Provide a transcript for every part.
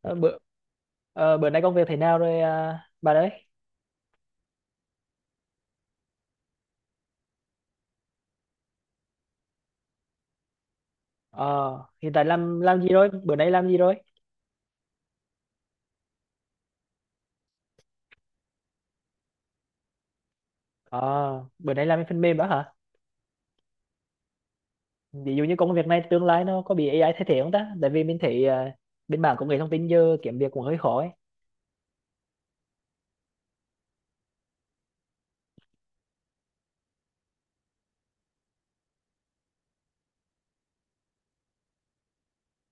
Ờ, bữa bữa nay công việc thế nào rồi, à, bà đấy? ờ Hiện tại làm gì rồi, bữa nay làm gì rồi? Ờ Bữa nay làm cái phần mềm đó hả? Ví dụ như công việc này tương lai nó có bị AI thay thế không ta? Tại vì mình thấy bên mảng công nghệ thông tin giờ kiếm việc cũng hơi khó ấy.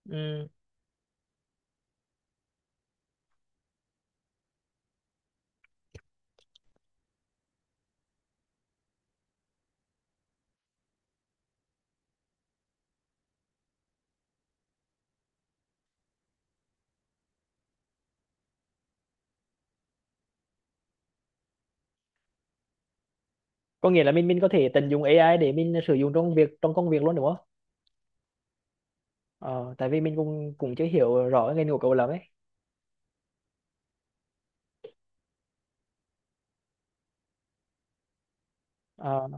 Ừ. Có nghĩa là mình có thể tận dụng AI để mình sử dụng trong việc, trong công việc luôn đúng không? Ờ Tại vì mình cũng cũng chưa hiểu rõ cái ngành của cậu lắm ấy. Ờ.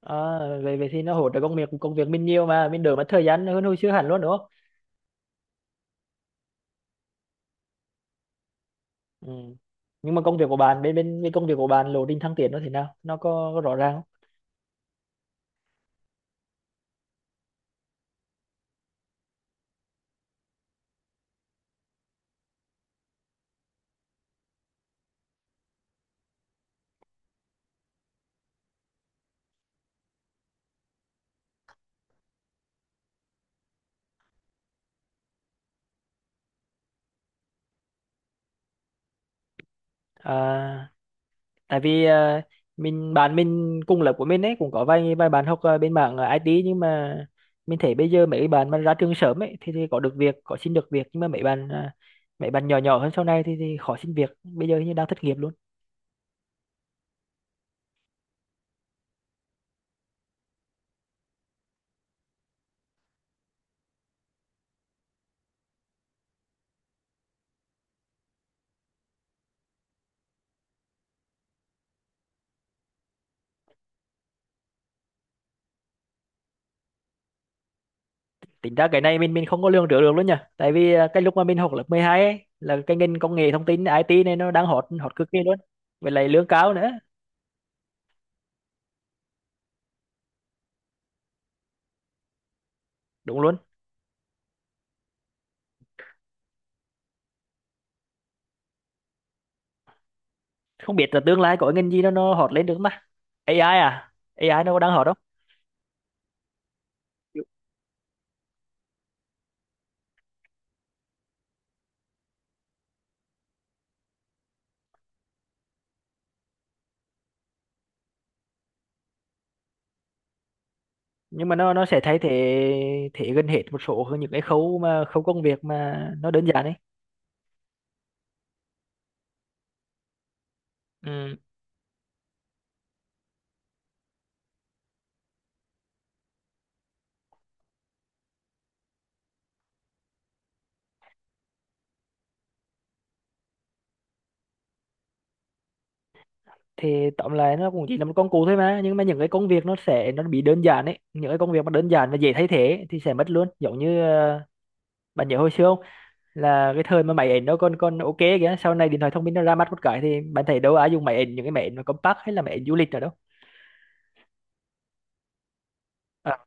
À, về về thì nó hỗ trợ công việc, công việc mình nhiều mà mình đỡ mất thời gian hơn hồi xưa hẳn luôn đúng? Ừ. Nhưng mà công việc của bạn, bên bên bên công việc của bạn lộ trình thăng tiến nó thế nào? Nó có rõ ràng không? À, tại vì à, mình bạn mình cùng lớp của mình ấy cũng có vài vài bạn học bên mảng IT, nhưng mà mình thấy bây giờ mấy bạn mà ra trường sớm ấy thì có được việc, có xin được việc, nhưng mà mấy bạn mấy bạn nhỏ nhỏ hơn sau này thì khó xin việc. Bây giờ hình như đang thất nghiệp luôn. Tính ra cái này mình không có lường trước được luôn nhỉ. Tại vì cái lúc mà mình học lớp 12 ấy, là cái ngành công nghệ thông tin, IT này nó đang hot hot cực kỳ luôn. Với lại lương cao nữa. Đúng luôn. Không biết là tương lai có ngành gì nó hot lên được không ta? AI, à AI nó có đang hot không? Nhưng mà nó sẽ thay thế thế gần hết một số những cái khâu mà khâu công việc mà nó đơn giản ấy. Ừ. Thì tóm lại nó cũng chỉ là một công cụ thôi, mà nhưng mà những cái công việc nó sẽ nó bị đơn giản ấy, những cái công việc mà đơn giản và dễ thay thế ấy, thì sẽ mất luôn. Giống như bạn nhớ hồi xưa không, là cái thời mà máy ảnh nó còn còn ok kìa, sau này điện thoại thông minh nó ra mắt một cái thì bạn thấy đâu ai dùng máy ảnh, những cái máy ảnh mà compact hay là máy ảnh du lịch nào đâu. À,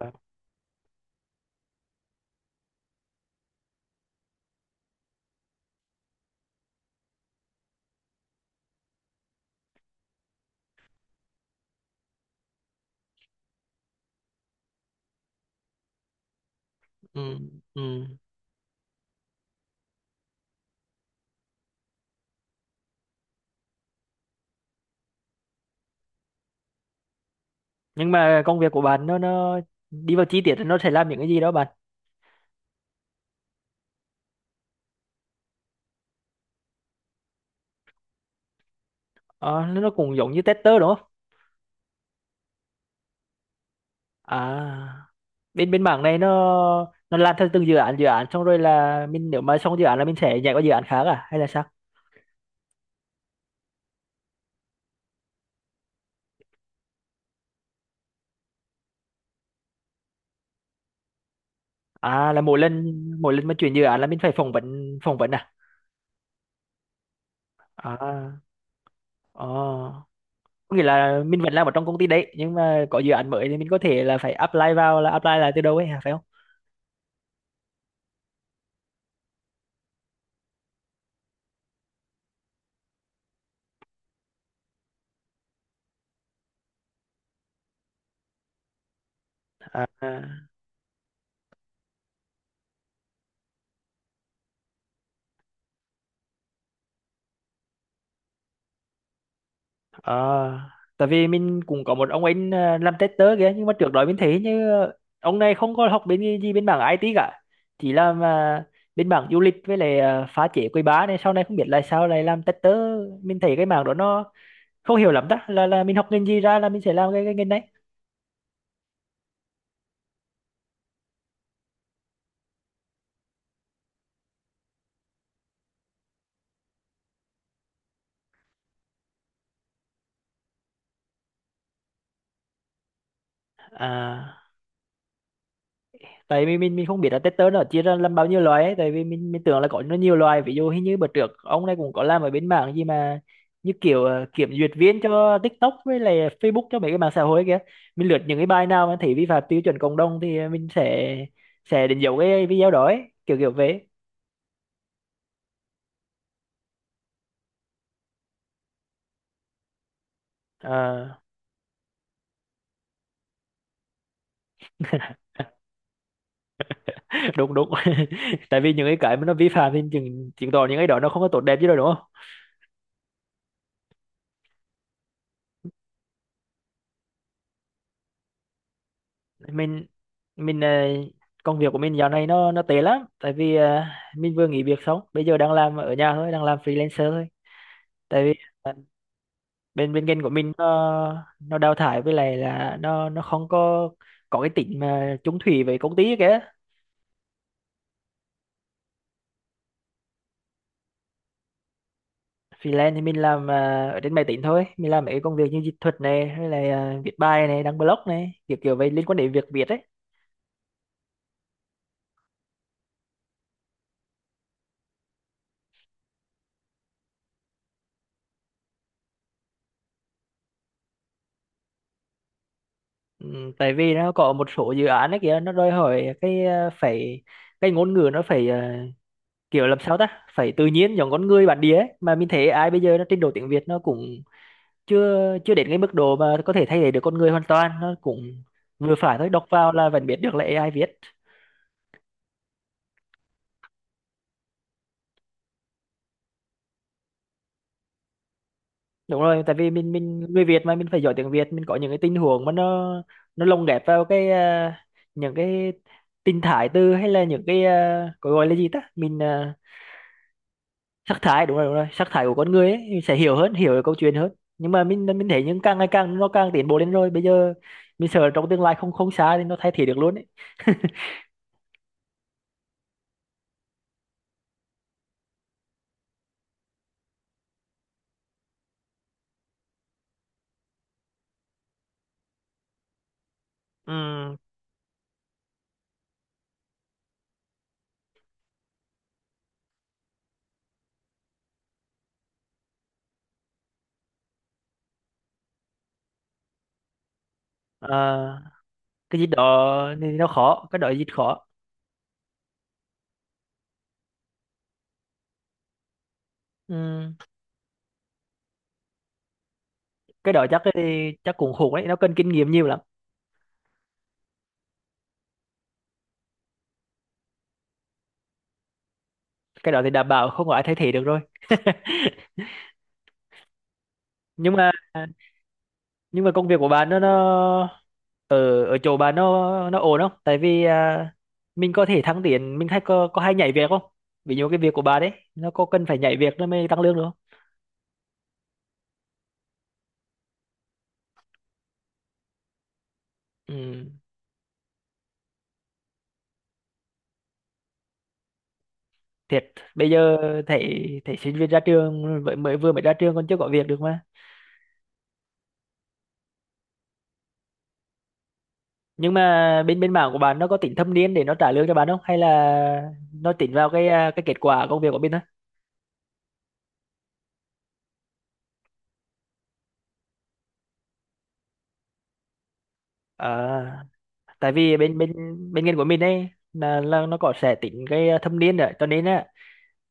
ừ, ừ. Nhưng mà công việc của bạn nó đi vào chi tiết thì nó sẽ làm những cái gì đó bạn? Ờ, nó cũng giống như tester đúng không? À, bên bên mảng này nó làm theo từng dự án, dự án xong rồi là mình, nếu mà xong dự án là mình sẽ nhảy qua dự án khác à, hay là sao? À, là mỗi lần, mỗi lần mà chuyển dự án là mình phải phỏng vấn à? À. Ờ, có nghĩa là mình vẫn làm ở trong công ty đấy nhưng mà có dự án mới thì mình có thể là phải apply vào, là apply lại từ đầu ấy hả, phải không? À. Ờ, tại vì mình cũng có một ông anh làm tester kìa, nhưng mà trước đó mình thấy như ông này không có học bên gì bên mảng IT cả, chỉ làm bên mảng du lịch với lại phá chế quầy bar này, sau này không biết là sao lại làm tester. Mình thấy cái mảng đó nó không hiểu lắm, đó là mình học ngành gì ra là mình sẽ làm cái ngành đấy. À, tại vì mình không biết là tester nó chia ra làm bao nhiêu loại ấy, tại vì mình tưởng là có nó nhiều loại. Ví dụ hình như bữa trước ông này cũng có làm ở bên mảng gì mà như kiểu kiểm duyệt viên cho TikTok với lại Facebook, cho mấy cái mạng xã hội kia. Mình lượt những cái bài nào mà thấy vi phạm tiêu chuẩn cộng đồng thì mình sẽ đánh dấu cái video đó ấy, kiểu kiểu vậy. Ờ, đúng đúng. Tại vì những cái mà nó vi phạm thì chứng chứng tỏ những cái đó nó không có tốt đẹp gì đâu, đúng. Mình, mình ờ, công việc của mình dạo này nó tệ lắm, tại vì mình vừa nghỉ việc xong, bây giờ đang làm ở nhà thôi, đang làm freelancer thôi. Tại vì bên bên kênh của mình nó đào thải, với lại là nó không có cái tính mà chung thủy với công ty kìa. Freelance thì mình làm ở trên máy tính thôi, mình làm mấy công việc như dịch thuật này, hay là viết bài này, đăng blog này, kiểu kiểu vậy liên quan đến việc Việt ấy. Ừ, tại vì nó có một số dự án ấy kìa, nó đòi hỏi cái phải cái ngôn ngữ nó phải kiểu làm sao ta, phải tự nhiên giống con người bản địa ấy. Mà mình thấy AI bây giờ nó trình độ tiếng Việt nó cũng chưa chưa đến cái mức độ mà có thể thay thế được con người hoàn toàn, nó cũng vừa phải thôi, đọc vào là vẫn biết được là AI viết. Đúng rồi, tại vì mình người Việt mà, mình phải giỏi tiếng Việt. Mình có những cái tình huống mà nó lồng ghép vào những cái tình thái từ, hay là những cái có gọi là gì ta, sắc thái, đúng rồi, đúng rồi, sắc thái của con người ấy, mình sẽ hiểu hơn, hiểu được câu chuyện hơn. Nhưng mà mình thấy những càng ngày càng nó càng tiến bộ lên rồi, bây giờ mình sợ trong tương lai không không xa thì nó thay thế được luôn ấy. Ừ. À, cái gì đó thì nó khó, cái đó gì khó. Ừ. Cái đó chắc chắc cũng khủng đấy, nó cần kinh nghiệm nhiều lắm. Cái đó thì đảm bảo không có ai thay thế được rồi. Nhưng mà, nhưng mà công việc của bạn nó, ở ở chỗ bạn nó ổn không? Tại vì mình có thể thăng tiến, mình hay có hay nhảy việc không? Ví dụ cái việc của bạn đấy, nó có cần phải nhảy việc nó mới tăng lương được không? Ừ, thiệt bây giờ thấy thấy sinh viên ra trường mới mới vừa mới ra trường còn chưa có việc được mà. Nhưng mà bên bên mảng của bạn nó có tính thâm niên để nó trả lương cho bạn không, hay là nó tính vào cái cái kết quả công việc của mình thôi? À, tại vì bên bên bên ngành của mình ấy là nó có sẽ tính cái thâm niên, rồi cho nên á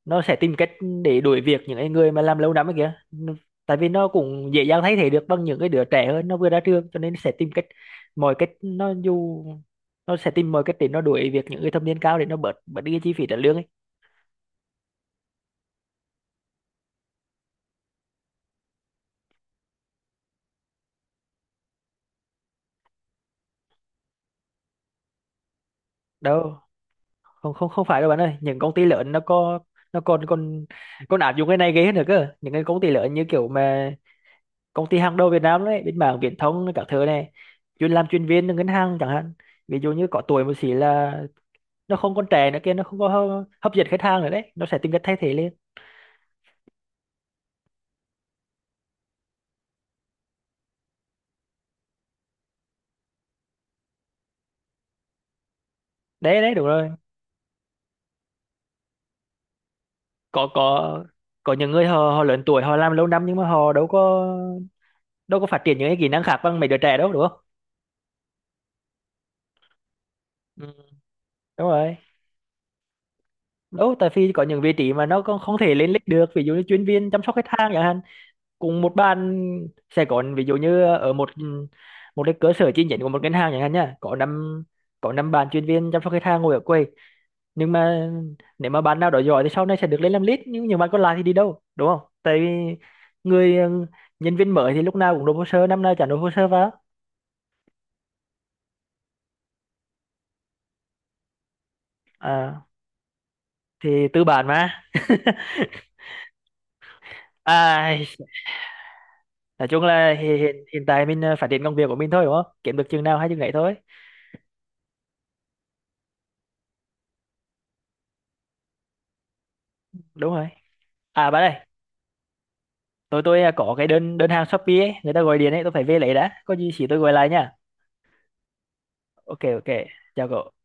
nó sẽ tìm cách để đuổi việc những cái người mà làm lâu năm ấy kìa. Nó- tại vì nó cũng dễ dàng thay thế được bằng những cái đứa trẻ hơn, nó vừa ra trường, cho nên sẽ tìm cách, mọi cách nó dù nó sẽ tìm mọi cách để nó đuổi việc những người thâm niên cao để nó bớt bớt đi cái chi phí trả lương ấy. Đâu, không không không phải đâu bạn ơi, những công ty lớn nó có, nó còn còn còn áp dụng cái này ghê hơn nữa cơ. Những cái công ty lớn như kiểu mà công ty hàng đầu Việt Nam đấy, bên mảng viễn thông các thứ này, chuyên làm chuyên viên ngân hàng chẳng hạn, ví dụ như có tuổi một xí là nó không còn trẻ nữa kia, nó không có hấp dẫn khách hàng nữa đấy, nó sẽ tìm cách thay thế lên. Đấy đấy đúng rồi, có có những người họ họ lớn tuổi, họ làm lâu năm nhưng mà họ đâu có phát triển những cái kỹ năng khác bằng mấy đứa trẻ đâu đúng không. Ừ, đúng rồi. Đâu tại vì có những vị trí mà nó không thể lên lịch được, ví dụ như chuyên viên chăm sóc khách hàng chẳng hạn, cùng một bàn sẽ có, ví dụ như ở một một cái cơ sở chi nhánh của một ngân hàng chẳng hạn nhá, có năm, có năm bạn chuyên viên chăm sóc khách hàng ngồi ở quầy, nhưng mà nếu mà bạn nào đó giỏi thì sau này sẽ được lên làm lead, nhưng những bạn còn lại thì đi đâu, đúng không? Tại vì người ừ, nhân viên mới thì lúc nào cũng nộp hồ sơ, năm nào chả nộp hồ sơ vào. À, thì tư bản mà. À, nói chung là hi- hiện hiện tại mình phát triển công việc của mình thôi đúng không, kiếm được chừng nào hay chừng ấy thôi. Đúng rồi. À bạn ơi, có cái đơn đơn hàng Shopee ấy, người ta gọi điện ấy, tôi phải về lấy đã, có gì chỉ tôi gọi lại nha. Ok ok, chào cậu.